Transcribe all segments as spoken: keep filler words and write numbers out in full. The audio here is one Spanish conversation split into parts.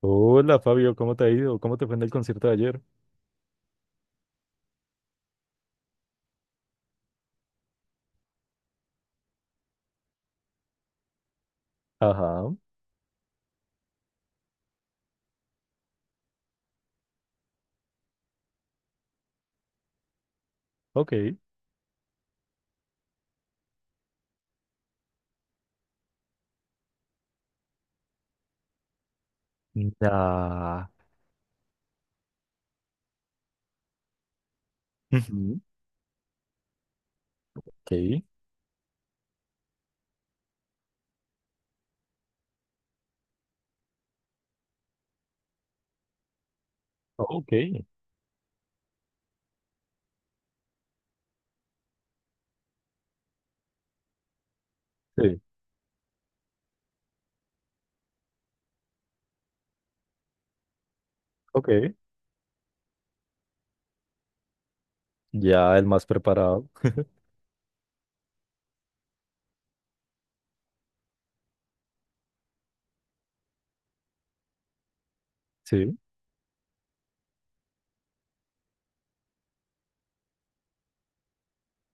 Hola Fabio, ¿cómo te ha ido? ¿Cómo te fue en el concierto de ayer? Ajá, ok. Ya, ujú, ok, ok. Sí, ok. Ya el más preparado. Sí.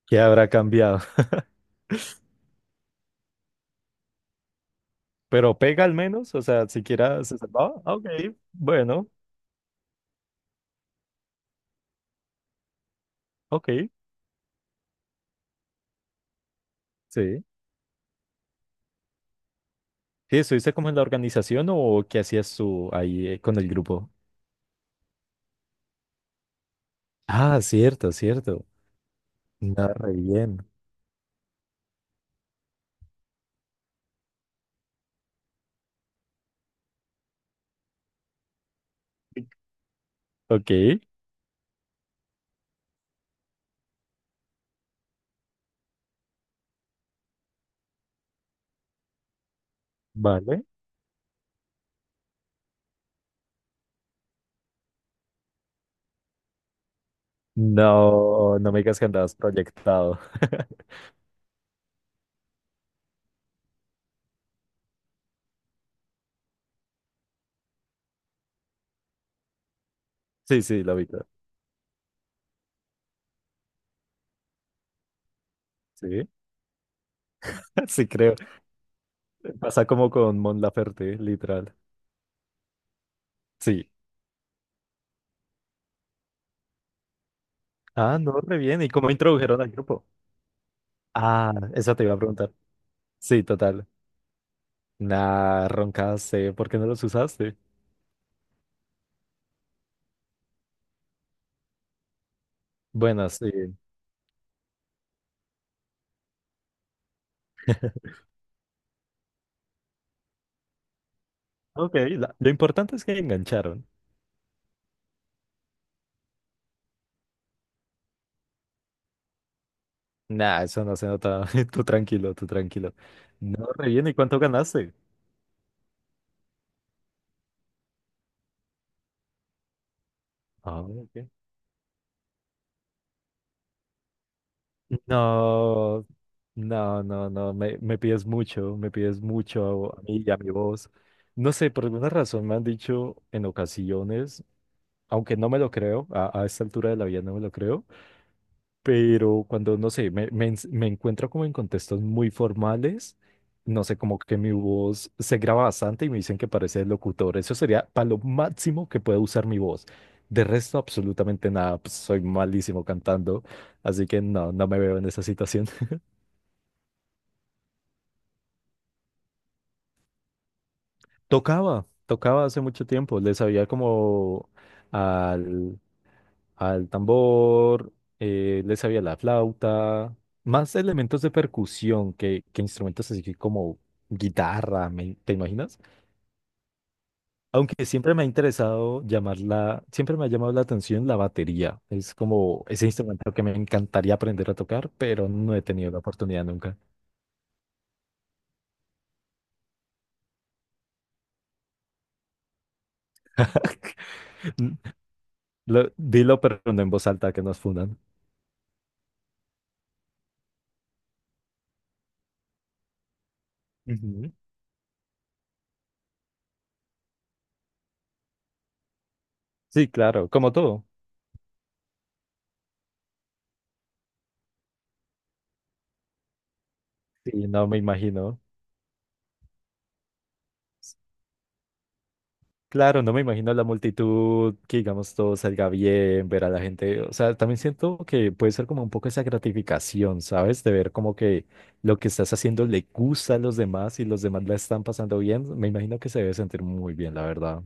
¿Qué habrá cambiado? Pero pega al menos, o sea, siquiera se salvaba. Ah, ok, bueno, ok. Sí. Sí, ¿estuviste como en la organización o qué hacías tú ahí eh, con el grupo? Ah, cierto, cierto. No, re bien. Ok, vale. No, no me digas que andabas proyectado. Sí, sí, la mitad. Sí, sí creo. Pasa como con Mon Laferte, literal. Sí. Ah, no, re bien. ¿Y cómo introdujeron al grupo? Ah, eso te iba a preguntar. Sí, total. Nah, roncaste. ¿Por qué no los usaste? Bueno, sí. Ok, la- lo importante es que engancharon. Nah, eso no se nota. Tú tranquilo, tú tranquilo. No, re bien. ¿Y cuánto ganaste? Ah, ok. No, no, no, no, me, me pides mucho, me pides mucho a mí y a mi voz. No sé, por alguna razón me han dicho en ocasiones, aunque no me lo creo, a, a esta altura de la vida no me lo creo, pero cuando, no sé, me, me, ens- me encuentro como en contextos muy formales, no sé, como que mi voz se graba bastante y me dicen que parece locutor. Eso sería para lo máximo que puedo usar mi voz. De resto, absolutamente nada, pues soy malísimo cantando. Así que no, no me veo en esa situación. Tocaba, tocaba hace mucho tiempo, le sabía como al, al tambor, eh, le sabía la flauta, más elementos de percusión que, que instrumentos así que como guitarra, me- ¿te imaginas? Aunque siempre me ha interesado llamarla, siempre me ha llamado la atención la batería, es como ese instrumento que me encantaría aprender a tocar, pero no he tenido la oportunidad nunca. Lo- dilo, pero no en voz alta que nos fundan. Ujú. Sí, claro, como todo. Sí, no me imagino. Claro, no me imagino la multitud, que digamos todo salga bien, ver a la gente. O sea, también siento que puede ser como un poco esa gratificación, ¿sabes? De ver como que lo que estás haciendo le gusta a los demás y los demás la están pasando bien. Me imagino que se debe sentir muy bien, la verdad.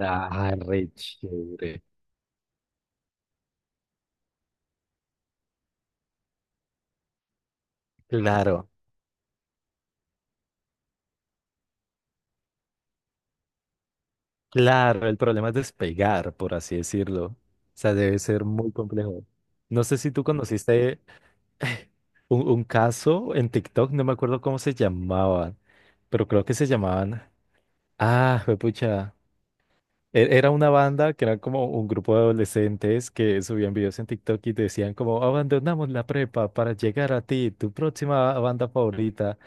Ah, re chévere. Claro, claro, el problema es despegar, por así decirlo. O sea, debe ser muy complejo. No sé si tú conociste un, un caso en TikTok, no me acuerdo cómo se llamaban, pero creo que se llamaban. Ah, pucha. e, Era una banda que era como un grupo de adolescentes que subían videos en TikTok y decían como abandonamos la prepa para llegar a ti, tu próxima banda favorita.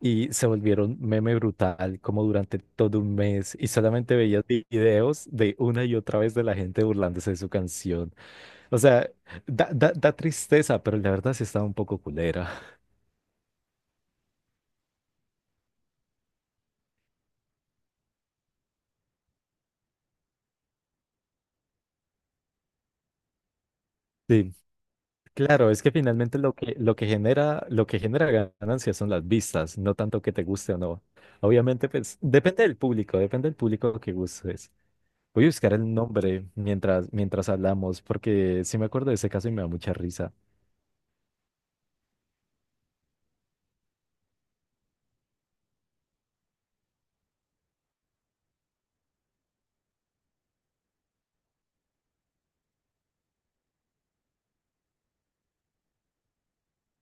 Y se volvieron meme brutal como durante todo un mes y solamente veías vi- videos de una y otra vez de la gente burlándose de su canción. O sea, da, da, da tristeza, pero la verdad sí estaba un poco culera. Sí. Claro, es que finalmente lo que, lo que genera, lo que genera ganancias son las vistas, no tanto que te guste o no. Obviamente, pues, depende del público, depende del público que gustes. Voy a buscar el nombre mientras, mientras hablamos, porque sí me acuerdo de ese caso y me da mucha risa.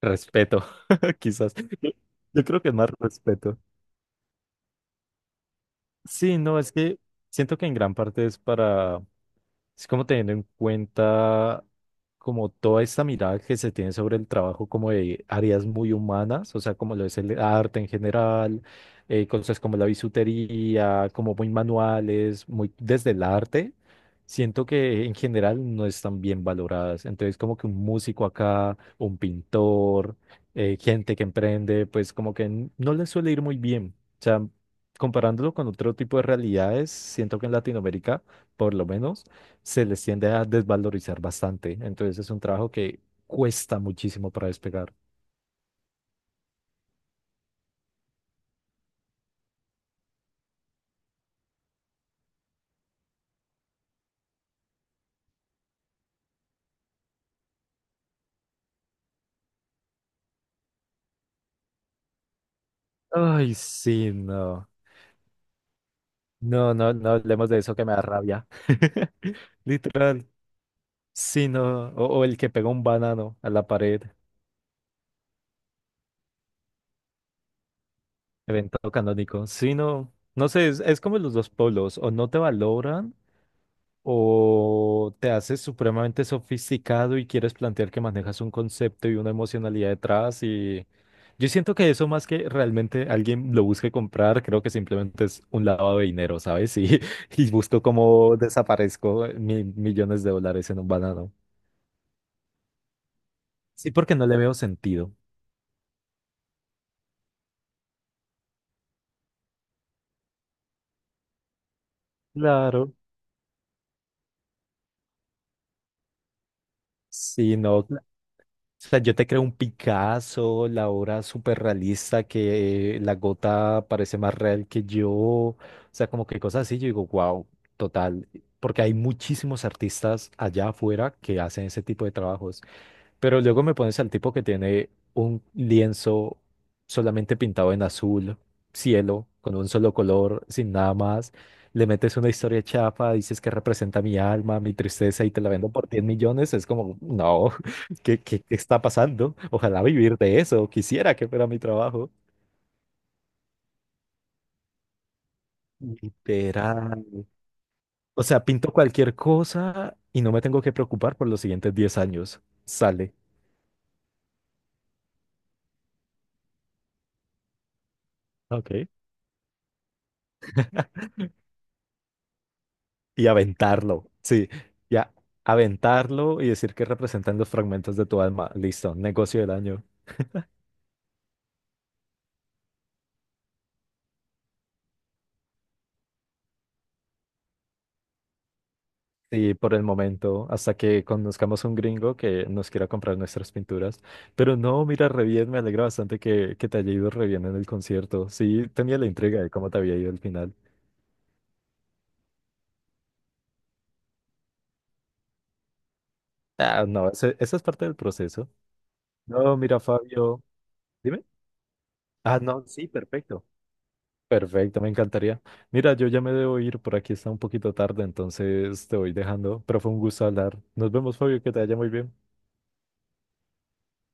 Respeto, quizás. Yo creo que es más respeto. Sí, no, es que siento que en gran parte es para, es como teniendo en cuenta como toda esta mirada que se tiene sobre el trabajo como de áreas muy humanas, o sea, como lo es el arte en general, eh, cosas como la bisutería, como muy manuales, muy desde el arte, siento que en general no están bien valoradas. Entonces, como que un músico acá, un pintor, eh, gente que emprende, pues como que n- no les suele ir muy bien. O sea, comparándolo con otro tipo de realidades, siento que en Latinoamérica por lo menos se les tiende a desvalorizar bastante. Entonces es un trabajo que cuesta muchísimo para despegar. Ay, sí, no. No, no, no hablemos de eso que me da rabia. Literal. Sí, no. O, o el que pega un banano a la pared, evento canónico. Sí, no. No sé, es, es como los dos polos. O no te valoran o te haces supremamente sofisticado y quieres plantear que manejas un concepto y una emocionalidad detrás y yo siento que eso más que realmente alguien lo busque comprar, creo que simplemente es un lavado de dinero, ¿sabes? Y, y busco cómo desaparezco mi- millones de dólares en un banano. Sí, porque no le veo sentido. Claro. Sí, no. O sea, yo te creo un Picasso, la obra súper realista, que eh, la gota parece más real que yo. O sea, como que cosas así, yo digo, wow, total. Porque hay muchísimos artistas allá afuera que hacen ese tipo de trabajos. Pero luego me pones al tipo que tiene un lienzo solamente pintado en azul, cielo, con un solo color, sin nada más. Le metes una historia chafa, dices que representa mi alma, mi tristeza y te la vendo por diez millones. Es como, no, ¿qué, qué, qué está pasando? Ojalá vivir de eso. Quisiera que fuera mi trabajo. Literal. O sea, pinto cualquier cosa y no me tengo que preocupar por los siguientes diez años. Sale. Ok. Y aventarlo, sí, ya, aventarlo y decir que representan los fragmentos de tu alma. Listo, negocio del año. Y por el momento, hasta que conozcamos un gringo que nos quiera comprar nuestras pinturas. Pero no, mira, re bien, me alegra bastante que, que te haya ido re bien en el concierto. Sí, tenía la intriga de cómo te había ido al final. Ah, no, ese- esa es parte del proceso. No, mira, Fabio, dime. Ah, no, sí, perfecto. Perfecto, me encantaría. Mira, yo ya me debo ir, por aquí está un poquito tarde, entonces te voy dejando, pero fue un gusto hablar. Nos vemos, Fabio, que te vaya muy bien.